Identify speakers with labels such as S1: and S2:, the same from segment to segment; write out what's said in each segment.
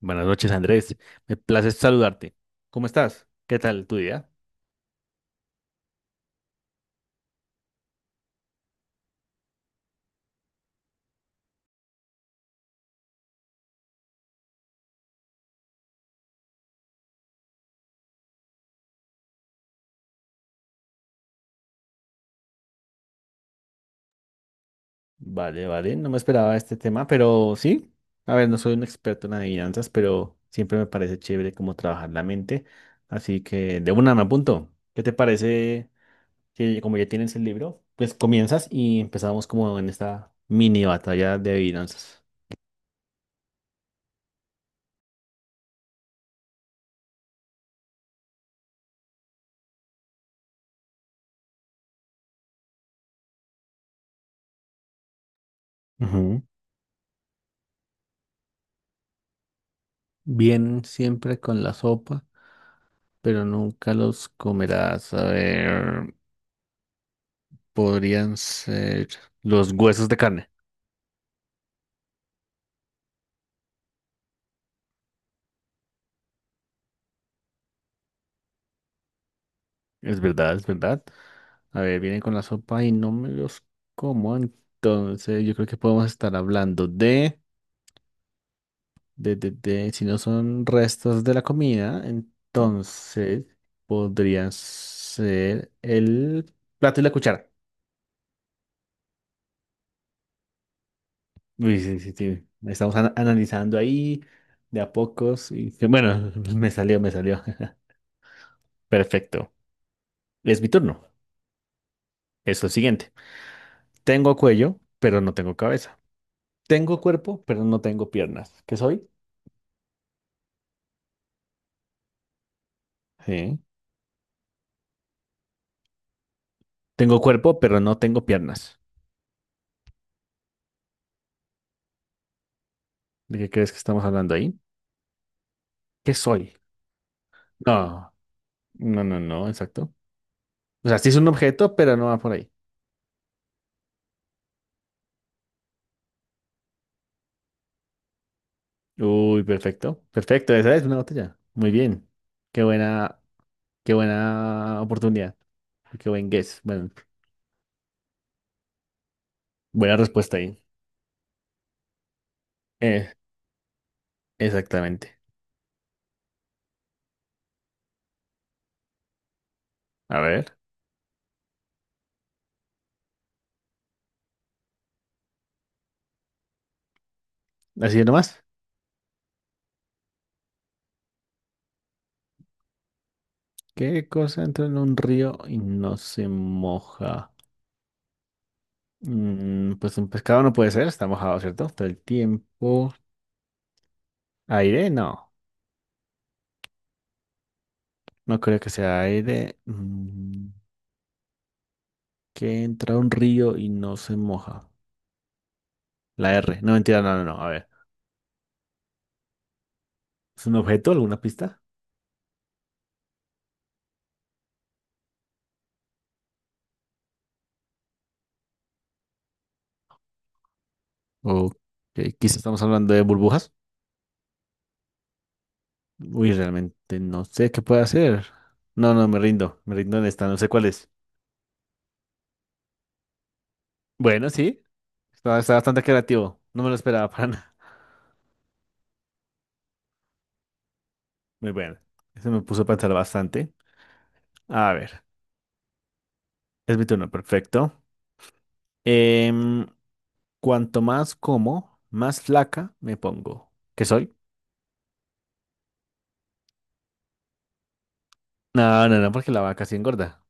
S1: Buenas noches, Andrés. Me place saludarte. ¿Cómo estás? ¿Qué tal tu día? Vale, vale. No me esperaba este tema, pero sí. A ver, no soy un experto en adivinanzas, pero siempre me parece chévere cómo trabajar la mente. Así que de una me apunto. ¿Qué te parece que como ya tienes el libro, pues comienzas y empezamos como en esta mini batalla de adivinanzas? Ujú. Vienen siempre con la sopa, pero nunca los comerás. A ver, podrían ser los huesos de carne. Es verdad, es verdad. A ver, vienen con la sopa y no me los como. Entonces, yo creo que podemos estar hablando de, si no son restos de la comida, entonces podrían ser el plato y la cuchara. Uy, sí, sí, sí. Estamos analizando ahí de a pocos y bueno, me salió, me salió. Perfecto. Es mi turno. Es lo siguiente. Tengo cuello, pero no tengo cabeza. Tengo cuerpo, pero no tengo piernas. ¿Qué soy? Sí. Tengo cuerpo, pero no tengo piernas. ¿De qué crees que estamos hablando ahí? ¿Qué soy? No, no, no, no, exacto. O sea, sí es un objeto, pero no va por ahí. Uy, perfecto. Perfecto, esa es una botella. Muy bien. Qué buena, qué buena oportunidad. Qué buen guess. Bueno, buena respuesta ahí. Eh, Exactamente. A ver, así nomás. ¿Qué cosa entra en un río y no se moja? Mm, pues un pescado no puede ser, está mojado, ¿cierto? Todo el tiempo. Aire, no, no creo que sea aire. Mm, que entra a un río y no se moja. La R, no mentira, no, no, no. A ver, ¿es un objeto, alguna pista? O que quizás estamos hablando de burbujas. Uy, realmente no sé qué puede hacer. No, no, me rindo en esta, no sé cuál es. Bueno, sí, está, está bastante creativo. No me lo esperaba para nada. Muy bueno, eso me puso a pensar bastante. A ver, es mi turno, perfecto. Em, Cuanto más como, más flaca me pongo. ¿Qué soy? No, no, no, porque la vaca sí engorda.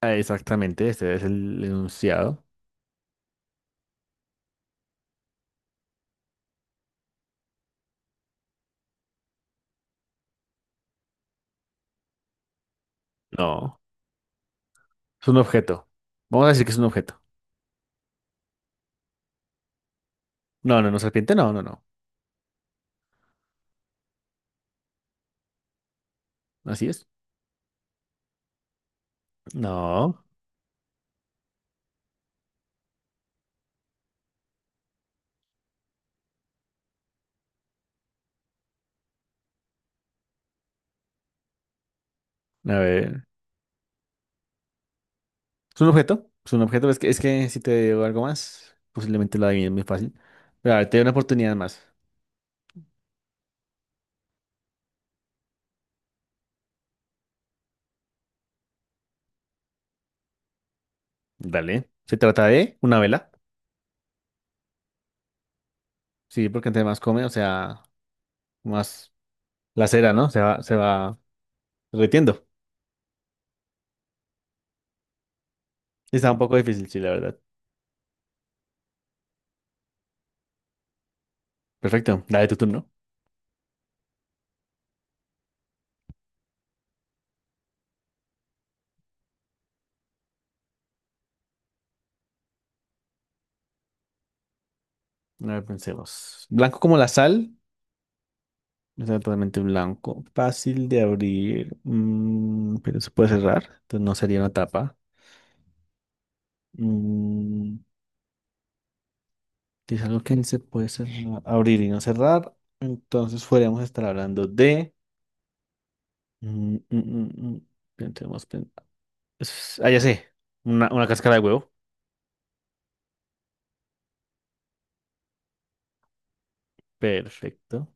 S1: Ah, exactamente, este es el enunciado. No, es un objeto. Vamos a decir que es un objeto. No, no, no, serpiente, no, no, no. Así es. No, a ver. ¿Es un objeto? Es un objeto, es que si te digo algo más, posiblemente lo adivines muy fácil. Pero a ver, te doy una oportunidad más. Dale. Se trata de una vela. Sí, porque entre más come, o sea, más la cera, ¿no? Se va derritiendo. Está un poco difícil, sí, la verdad. Perfecto. Dale tu turno. A ver, pensemos. Blanco como la sal. Está totalmente blanco. Fácil de abrir. Pero se puede cerrar. Entonces no sería una tapa. Mm, es algo que se puede abrir y no cerrar. Entonces podríamos estar hablando de. mm, mm, mm, mm, Pensemos. Ah, ya sé. Una cáscara de huevo. Perfecto.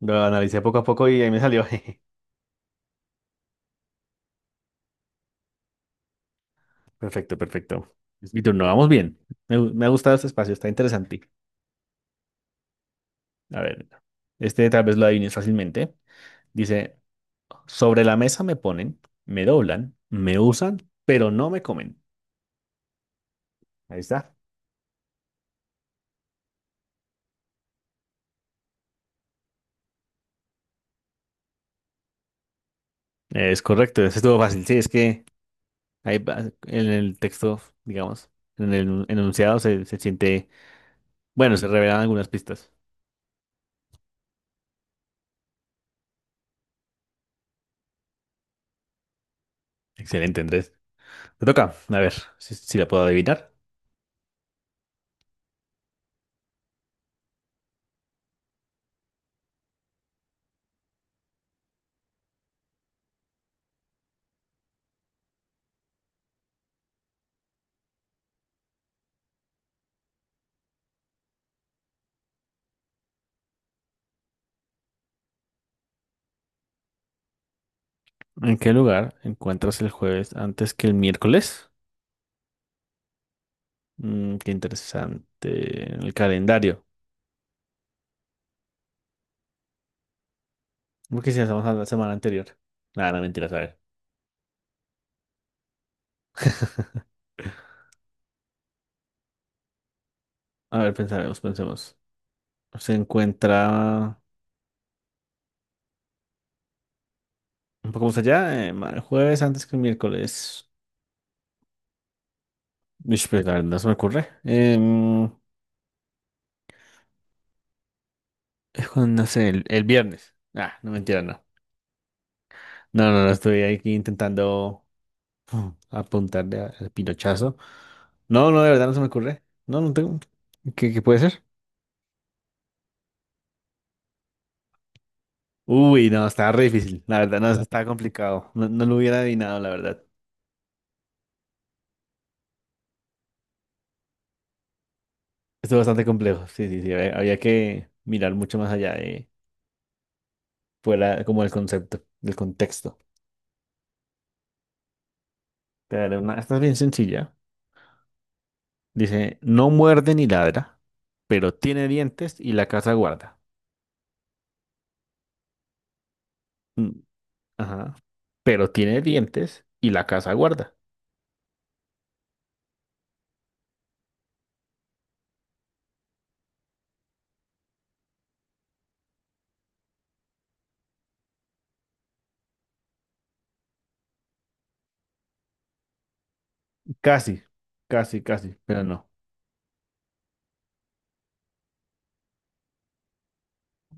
S1: Lo analicé poco a poco y ahí me salió. Perfecto, perfecto. Es mi turno, vamos bien. Me ha gustado este espacio, está interesante. A ver, este tal vez lo adivines fácilmente. Dice, sobre la mesa me ponen, me doblan, me usan, pero no me comen. Ahí está. Es correcto, ese estuvo fácil. Sí, es que en el texto, digamos, en el enunciado se, se siente, bueno, se revelan algunas pistas. Excelente, Andrés. Te toca, a ver si, si la puedo adivinar. ¿En qué lugar encuentras el jueves antes que el miércoles? Mm, qué interesante. El calendario. ¿Por qué si hacemos a la semana anterior? Nada, no, mentiras, a ver. A ver, pensaremos, pensemos. Se encuentra un poco más allá, jueves antes que el miércoles. Uish, pues, la verdad, no se me ocurre. Es cuando, no sé, el viernes. Ah, no, mentira, no. No, no, no, estoy aquí intentando apuntarle al pinochazo. No, no, de verdad no se me ocurre. No, no tengo. ¿Qué, qué puede ser? Uy, no, estaba re difícil, la verdad, no, estaba complicado. No, no lo hubiera adivinado, la verdad. Estuvo bastante complejo, sí, sí, sí. Había, había que mirar mucho más allá de fuera como el concepto, el contexto. Pero una, esta es bien sencilla. Dice, no muerde ni ladra, pero tiene dientes y la casa guarda. Mm, ajá. Pero tiene dientes y la casa guarda. Casi, casi, casi, pero no.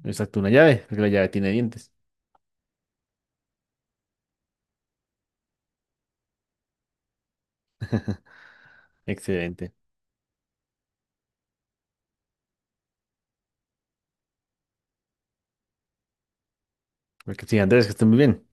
S1: Exacto, una llave, porque la llave tiene dientes. Excelente. Porque sí, Andrés, que estás muy bien.